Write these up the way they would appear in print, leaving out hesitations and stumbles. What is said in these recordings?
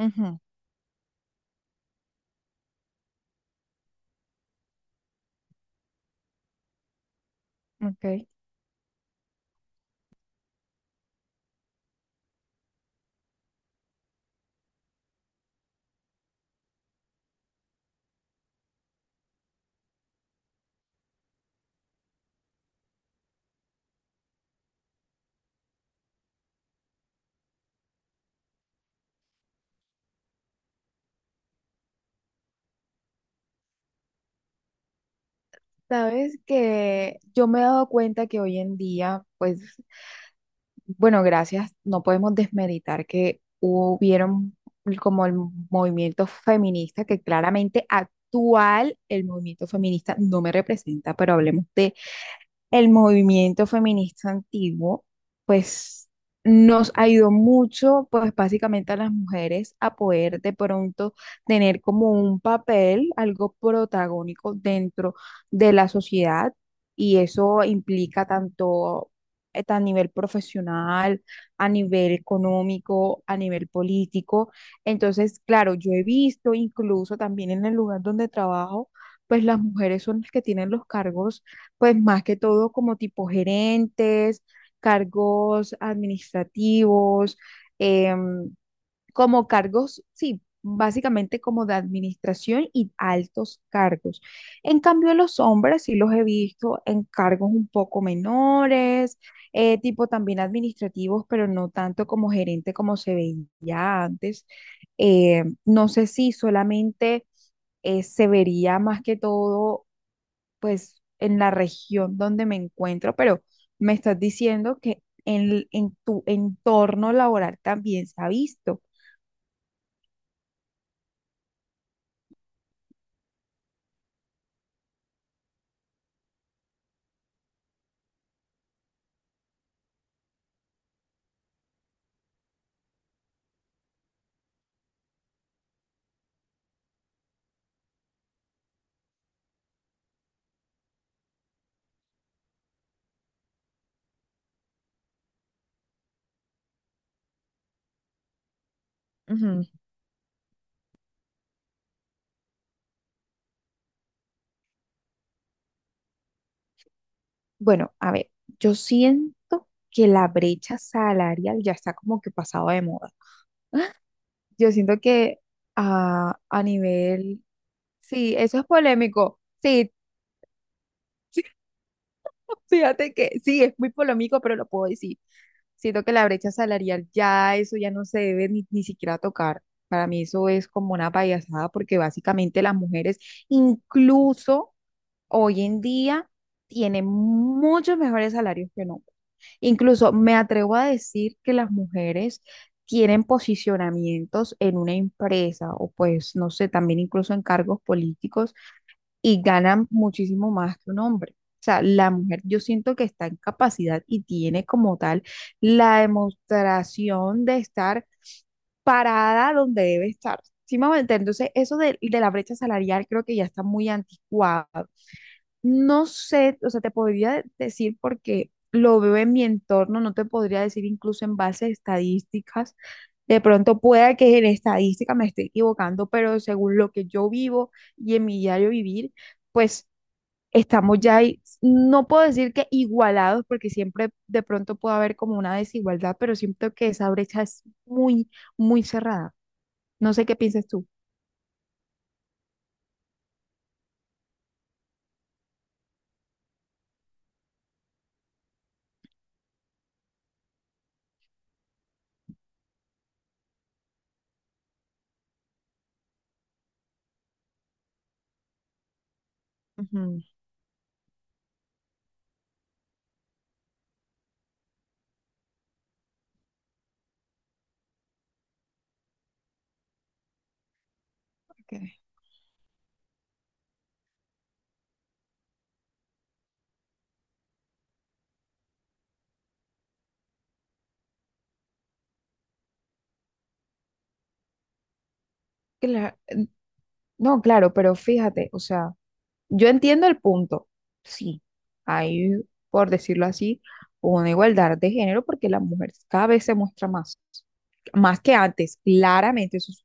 Ujú, ok. Sabes que yo me he dado cuenta que hoy en día, pues, bueno, gracias, no podemos desmeditar que hubieron como el movimiento feminista, que claramente actual el movimiento feminista no me representa, pero hablemos de el movimiento feminista antiguo, pues nos ayudó mucho, pues básicamente a las mujeres a poder de pronto tener como un papel, algo protagónico dentro de la sociedad y eso implica tanto a nivel profesional, a nivel económico, a nivel político. Entonces, claro, yo he visto incluso también en el lugar donde trabajo, pues las mujeres son las que tienen los cargos pues más que todo como tipo gerentes, cargos administrativos, em, como cargos, sí, básicamente como de administración y altos cargos. En cambio, los hombres sí los he visto en cargos un poco menores, tipo también administrativos, pero no tanto como gerente como se veía antes. No sé si solamente se vería más que todo, pues, en la región donde me encuentro, pero me estás diciendo que en tu entorno laboral también se ha visto. Ujú. Bueno, a ver, yo siento que la brecha salarial ya está como que pasado de moda. Yo siento que a nivel, sí, eso es polémico. Sí, fíjate que sí, es muy polémico, pero lo puedo decir. Siento que la brecha salarial ya eso ya no se debe ni siquiera tocar. Para mí eso es como una payasada porque básicamente las mujeres incluso hoy en día tienen muchos mejores salarios que no. Incluso me atrevo a decir que las mujeres tienen posicionamientos en una empresa o pues, no sé, también incluso en cargos políticos y ganan muchísimo más que un hombre. O sea, la mujer yo siento que está en capacidad y tiene como tal la demostración de estar parada donde debe estar. ¿Sí me va a entender? Entonces, eso de la brecha salarial creo que ya está muy anticuado. No sé, o sea, te podría decir porque lo veo en mi entorno, no te podría decir incluso en base a estadísticas. De pronto pueda que en estadística me esté equivocando, pero según lo que yo vivo y en mi diario vivir, pues estamos ya, ahí. No puedo decir que igualados, porque siempre de pronto puede haber como una desigualdad, pero siento que esa brecha es muy, muy cerrada. No sé qué piensas tú. Ujú, ok. Cla- No, claro, pero fíjate, o sea. Yo entiendo el punto. Sí, hay, por decirlo así, una igualdad de género porque la mujer cada vez se muestra más, más que antes, claramente. Eso es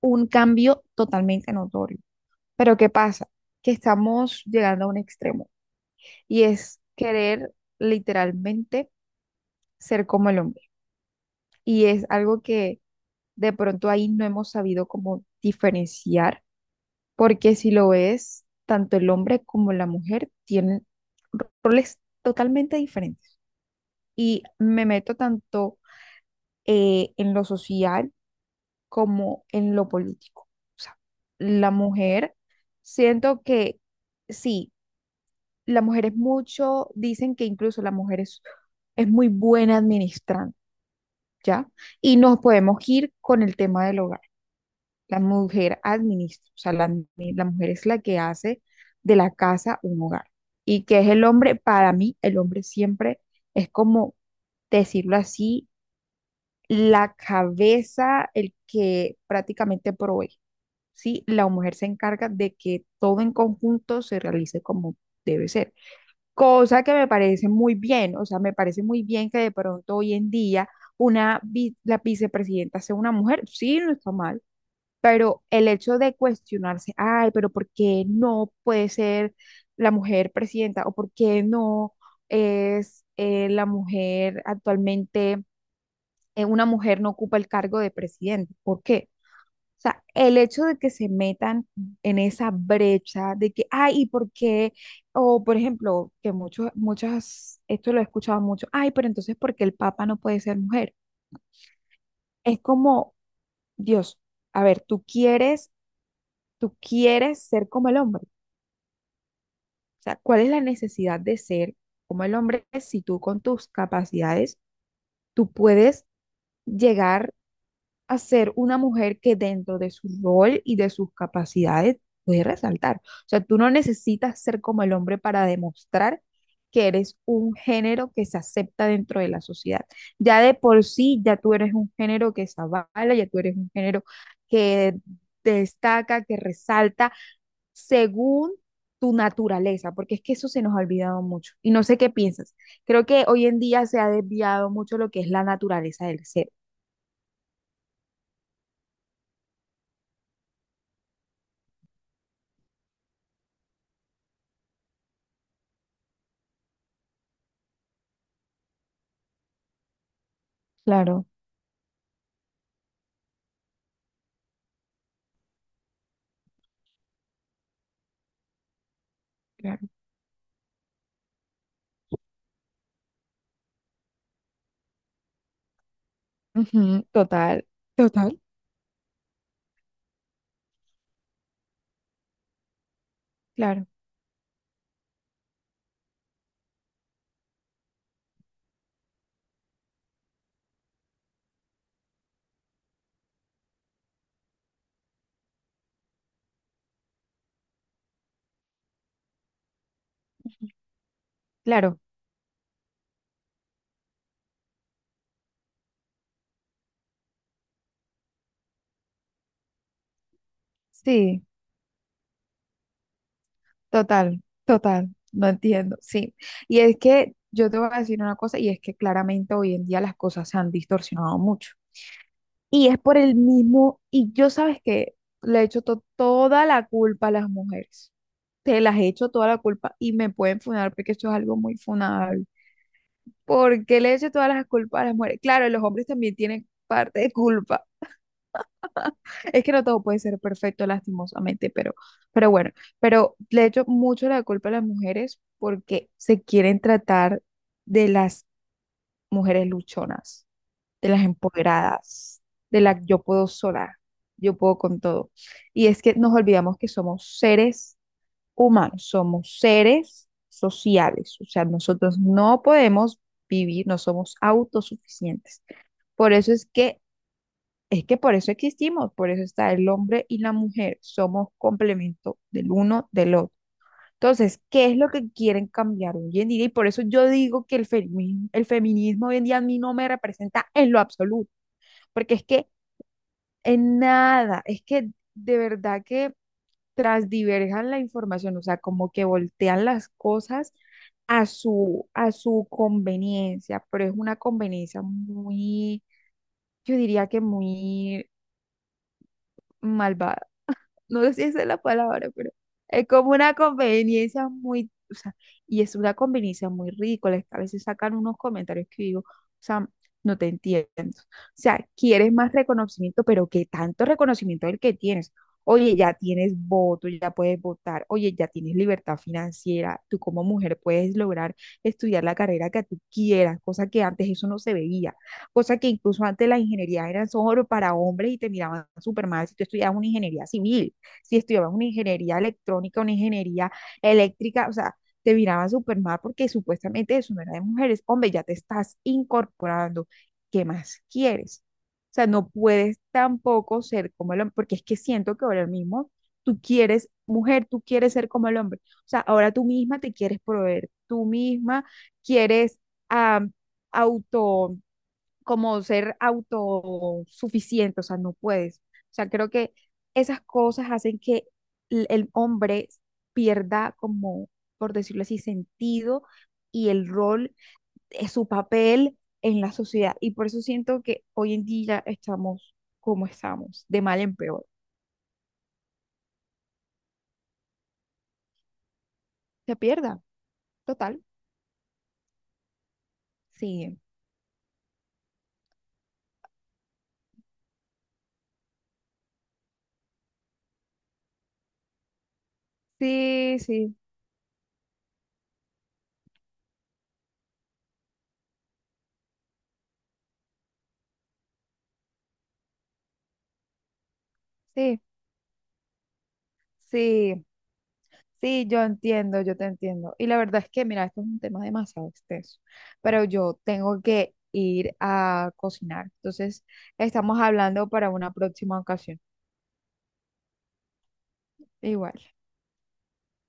un cambio totalmente notorio. Pero ¿qué pasa? Que estamos llegando a un extremo y es querer literalmente ser como el hombre. Y es algo que de pronto ahí no hemos sabido cómo diferenciar. Porque si lo ves, tanto el hombre como la mujer tienen roles totalmente diferentes. Y me meto tanto en lo social como en lo político. O sea, la mujer, siento que sí, la mujer es mucho, dicen que incluso la mujer es muy buena administrando, ¿ya? Y nos podemos ir con el tema del hogar. La mujer administra, o sea, la mujer es la que hace de la casa un hogar. Y que es el hombre, para mí, el hombre siempre es como, decirlo así, la cabeza, el que prácticamente provee, ¿sí? La mujer se encarga de que todo en conjunto se realice como debe ser. Cosa que me parece muy bien, o sea, me parece muy bien que de pronto hoy en día la vicepresidenta sea una mujer, sí, no está mal, pero el hecho de cuestionarse, ay, pero ¿por qué no puede ser la mujer presidenta? ¿O por qué no es la mujer actualmente, una mujer no ocupa el cargo de presidente? ¿Por qué? O sea, el hecho de que se metan en esa brecha de que, ay, ¿y por qué? O, por ejemplo, que muchos, muchas, esto lo he escuchado mucho, ay, pero entonces, ¿por qué el papa no puede ser mujer? Es como, Dios, a ver, tú quieres ser como el hombre. O sea, ¿cuál es la necesidad de ser como el hombre si tú con tus capacidades, tú puedes llegar a ser una mujer que dentro de su rol y de sus capacidades puede resaltar? O sea, tú no necesitas ser como el hombre para demostrar que eres un género que se acepta dentro de la sociedad. Ya de por sí, ya tú eres un género que se avala, ya tú eres un género que destaca, que resalta según tu naturaleza, porque es que eso se nos ha olvidado mucho. Y no sé qué piensas. Creo que hoy en día se ha desviado mucho lo que es la naturaleza del ser. Claro, claro. Ujú, total, total. Claro, claro, sí, total, total, no entiendo, sí. Y es que yo te voy a decir una cosa, y es que claramente hoy en día las cosas se han distorsionado mucho. Y es por el mismo, y yo sabes que le echo toda la culpa a las mujeres. Te las echo toda la culpa y me pueden funar porque esto es algo muy funable. ¿Por qué le echo todas las culpas a las mujeres? Claro, los hombres también tienen parte de culpa. Es que no todo puede ser perfecto, lastimosamente, pero bueno, pero le echo mucho la culpa a las mujeres porque se quieren tratar de las mujeres luchonas, de las empoderadas, de la yo puedo sola, yo puedo con todo. Y es que nos olvidamos que somos seres humanos, somos seres sociales, o sea, nosotros no podemos vivir, no somos autosuficientes. Por eso es que por eso existimos, por eso está el hombre y la mujer, somos complemento del uno del otro. Entonces, ¿qué es lo que quieren cambiar hoy en día? Y por eso yo digo que el feminismo hoy en día a mí no me representa en lo absoluto, porque es que en nada, es que de verdad que transdiverjan la información, o sea, como que voltean las cosas a su conveniencia, pero es una conveniencia muy, yo diría que muy malvada, no sé si esa es la palabra, pero es como una conveniencia muy, o sea, y es una conveniencia muy ridícula. Es que a veces sacan unos comentarios que digo, o sea, no te entiendo. O sea, quieres más reconocimiento, pero ¿qué tanto reconocimiento es el que tienes? Oye, ya tienes voto, ya puedes votar. Oye, ya tienes libertad financiera. Tú como mujer puedes lograr estudiar la carrera que tú quieras, cosa que antes eso no se veía, cosa que incluso antes la ingeniería era solo para hombres y te miraban súper mal si tú estudiabas una ingeniería civil, si estudiabas una ingeniería electrónica, una ingeniería eléctrica, o sea, te miraban súper mal porque supuestamente eso no era de mujeres. Hombre, ya te estás incorporando. ¿Qué más quieres? O sea, no puedes tampoco ser como el hombre, porque es que siento que ahora mismo tú quieres, mujer, tú quieres ser como el hombre. O sea, ahora tú misma te quieres proveer, tú misma quieres ah, auto como ser autosuficiente, o sea, no puedes. O sea, creo que esas cosas hacen que el hombre pierda como, por decirlo así, sentido y el rol, su papel en la sociedad. Y por eso siento que hoy en día estamos como estamos, de mal en peor. Se pierda, total. Sí, sí, sí, sí, sí. Sí, yo entiendo, yo te entiendo. Y la verdad es que, mira, esto es un tema demasiado extenso, pero yo tengo que ir a cocinar. Entonces, estamos hablando para una próxima ocasión. Igual.